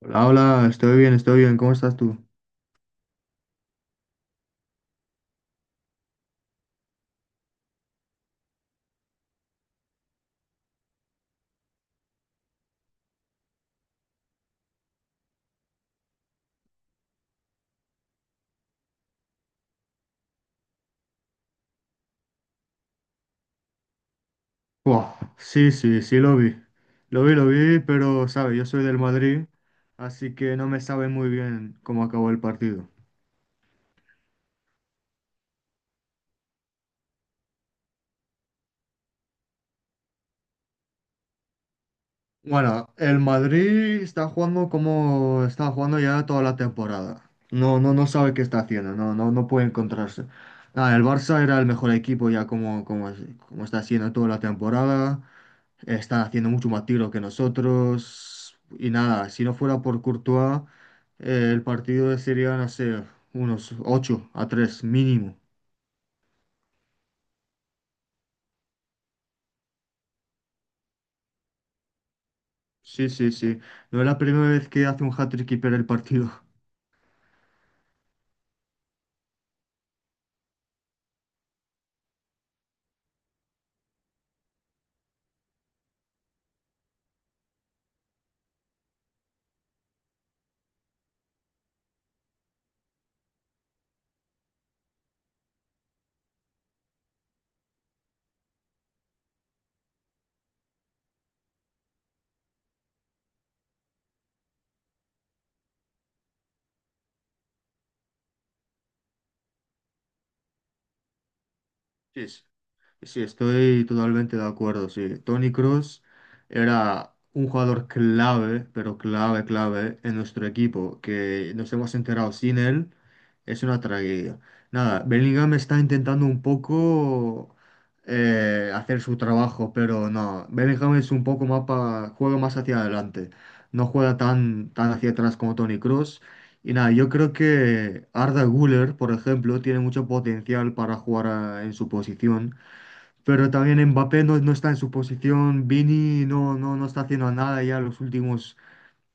Hola, hola, estoy bien, ¿cómo estás tú? Buah, sí, sí, sí lo vi. Lo vi, lo vi, pero, sabe, yo soy del Madrid, así que no me sabe muy bien cómo acabó el partido. Bueno, el Madrid está jugando como está jugando ya toda la temporada. No, no, no sabe qué está haciendo, no, no, no puede encontrarse. Nada, el Barça era el mejor equipo ya como está haciendo toda la temporada. Están haciendo mucho más tiro que nosotros. Y nada, si no fuera por Courtois, el partido sería, no sé, unos 8-3 mínimo. Sí, sí, sí. No es la primera vez que hace un hat-trick y pierde el partido. Sí, sí, sí, estoy totalmente de acuerdo. Sí, Toni Kroos era un jugador clave, pero clave, clave en nuestro equipo, que nos hemos enterado sin él. Es una tragedia. Nada, Bellingham está intentando un poco hacer su trabajo, pero no. Bellingham es un poco más juega más hacia adelante. No juega tan, tan hacia atrás como Tony Cross. Y nada, yo creo que Arda Güler, por ejemplo, tiene mucho potencial para jugar en su posición. Pero también Mbappé no está en su posición. Vini no está haciendo nada ya los últimos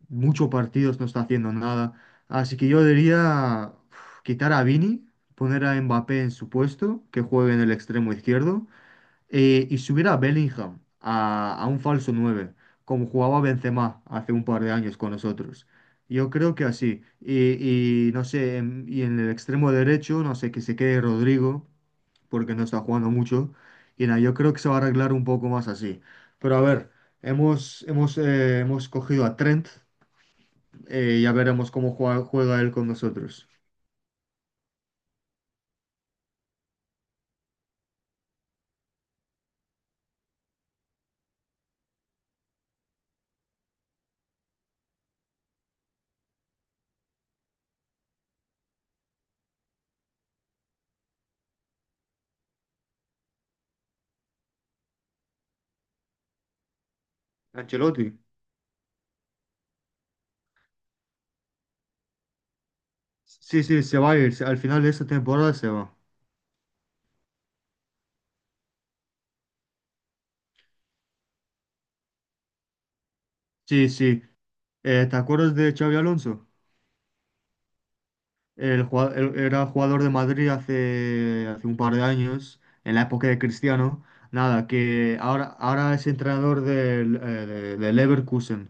muchos partidos no está haciendo nada. Así que yo diría uf, quitar a Vini, poner a Mbappé en su puesto, que juegue en el extremo izquierdo, y subir a Bellingham a un falso 9, como jugaba Benzema hace un par de años con nosotros. Yo creo que así. Y no sé, y en el extremo derecho, no sé, que se quede Rodrigo, porque no está jugando mucho. Y nada, yo creo que se va a arreglar un poco más así. Pero a ver. Hemos cogido a Trent, ya veremos cómo juega él con nosotros. Ancelotti. Sí, sí, se va a ir. Al final de esta temporada se va. Sí, sí. ¿Te acuerdas de Xavi Alonso? Él era jugador de Madrid hace un par de años, en la época de Cristiano. Nada, que ahora es entrenador del Leverkusen.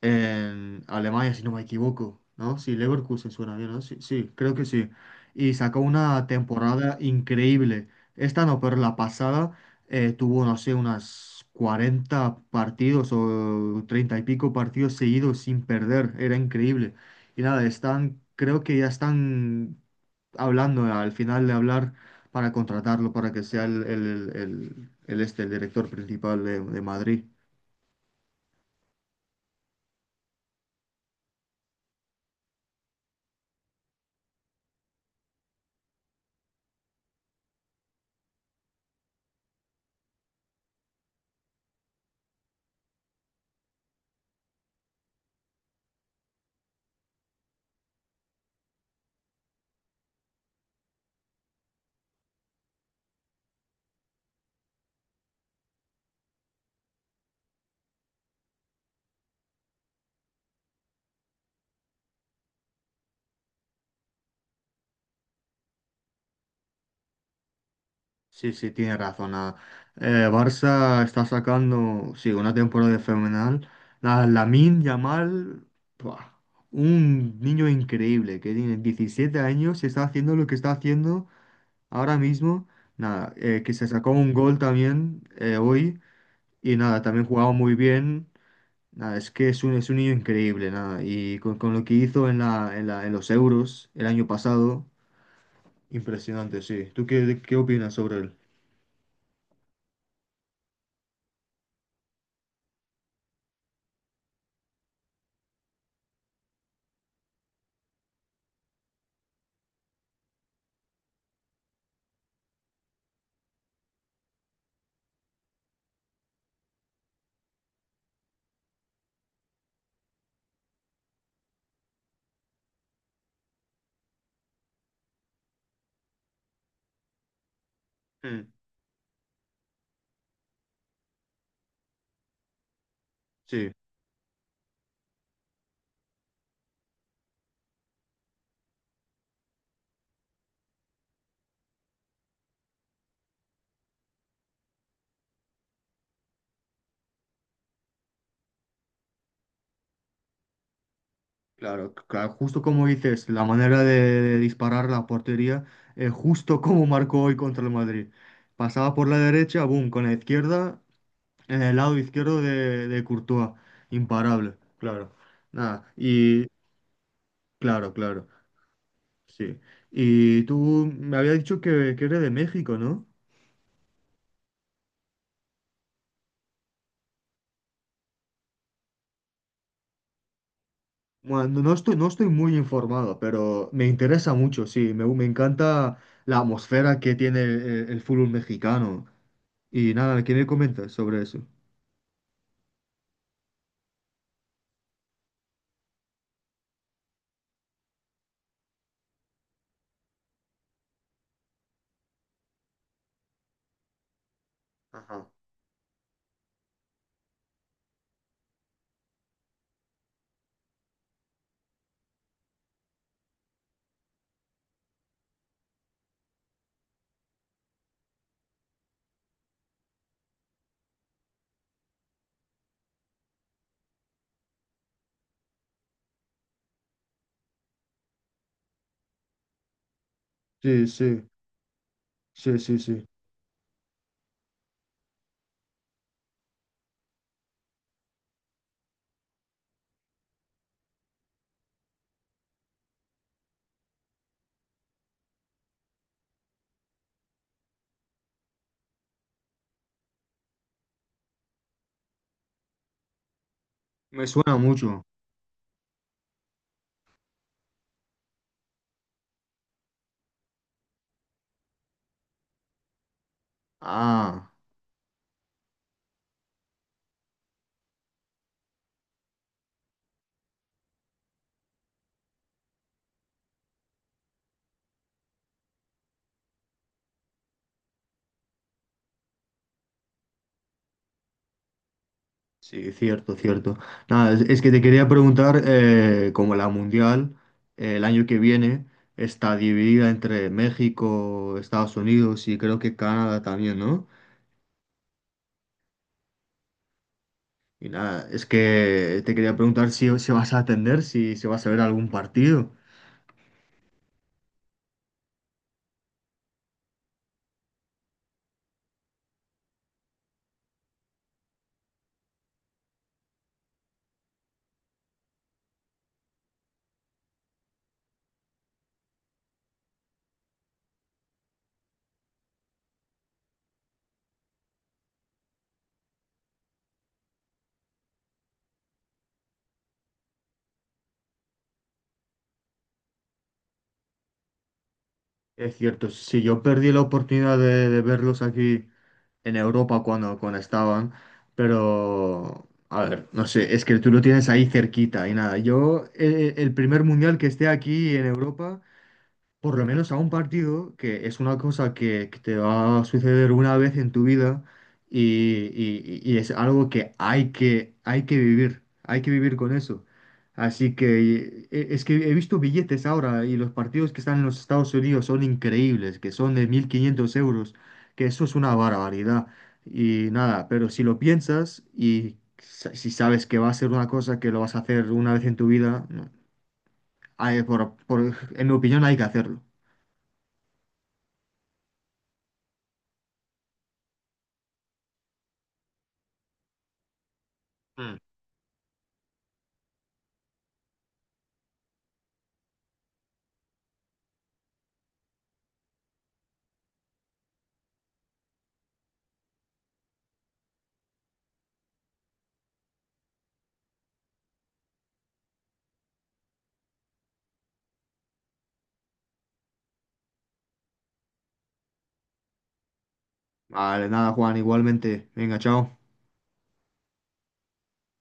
En Alemania, si no me equivoco, ¿no? Sí, Leverkusen suena bien, ¿no? Sí, sí, creo que sí. Y sacó una temporada increíble. Esta no, pero la pasada tuvo, no sé, unas 40 partidos o 30 y pico partidos seguidos sin perder. Era increíble. Y nada, están, creo que ya están hablando, al final de hablar, para contratarlo, para que sea el director principal de Madrid. Sí, sí, tiene razón. Nada. Barça está sacando, sí, una temporada fenomenal. La Lamine Yamal, ¡buah! Un niño increíble que tiene 17 años y está haciendo lo que está haciendo ahora mismo. Nada, que se sacó un gol también hoy y nada, también jugaba muy bien. Nada, es que es un niño increíble, nada. Y con lo que hizo en la, en los Euros el año pasado, impresionante, sí. ¿Tú qué opinas sobre él? Mm, sí. Claro, claro, justo como dices, la manera de disparar la portería, justo como marcó hoy contra el Madrid. Pasaba por la derecha, boom, con la izquierda, en el lado izquierdo de Courtois, imparable, claro. Nada, y claro, claro, sí. Y tú me había dicho que eres de México, ¿no? Bueno, no estoy muy informado, pero me interesa mucho, sí, me encanta la atmósfera que tiene el fútbol mexicano. Y nada, ¿qué me comentas sobre eso? Ajá. Sí, sí, sí, sí, sí. Me suena mucho. Ah, sí, cierto, cierto. Nada, es que te quería preguntar, como la Mundial, el año que viene está dividida entre México, Estados Unidos y creo que Canadá también, ¿no? Y nada, es que te quería preguntar si vas a atender, si vas a ver algún partido. Es cierto, si yo perdí la oportunidad de verlos aquí en Europa cuando estaban, pero a ver, no sé, es que tú lo tienes ahí cerquita y nada, yo el primer mundial que esté aquí en Europa por lo menos a un partido, que es una cosa que te va a suceder una vez en tu vida y es algo que hay que vivir con eso. Así que es que he visto billetes ahora y los partidos que están en los Estados Unidos son increíbles, que son de 1.500 euros, que eso es una barbaridad. Y nada, pero si lo piensas y si sabes que va a ser una cosa que lo vas a hacer una vez en tu vida, no, en mi opinión hay que hacerlo. Vale, nada, Juan, igualmente. Venga, chao.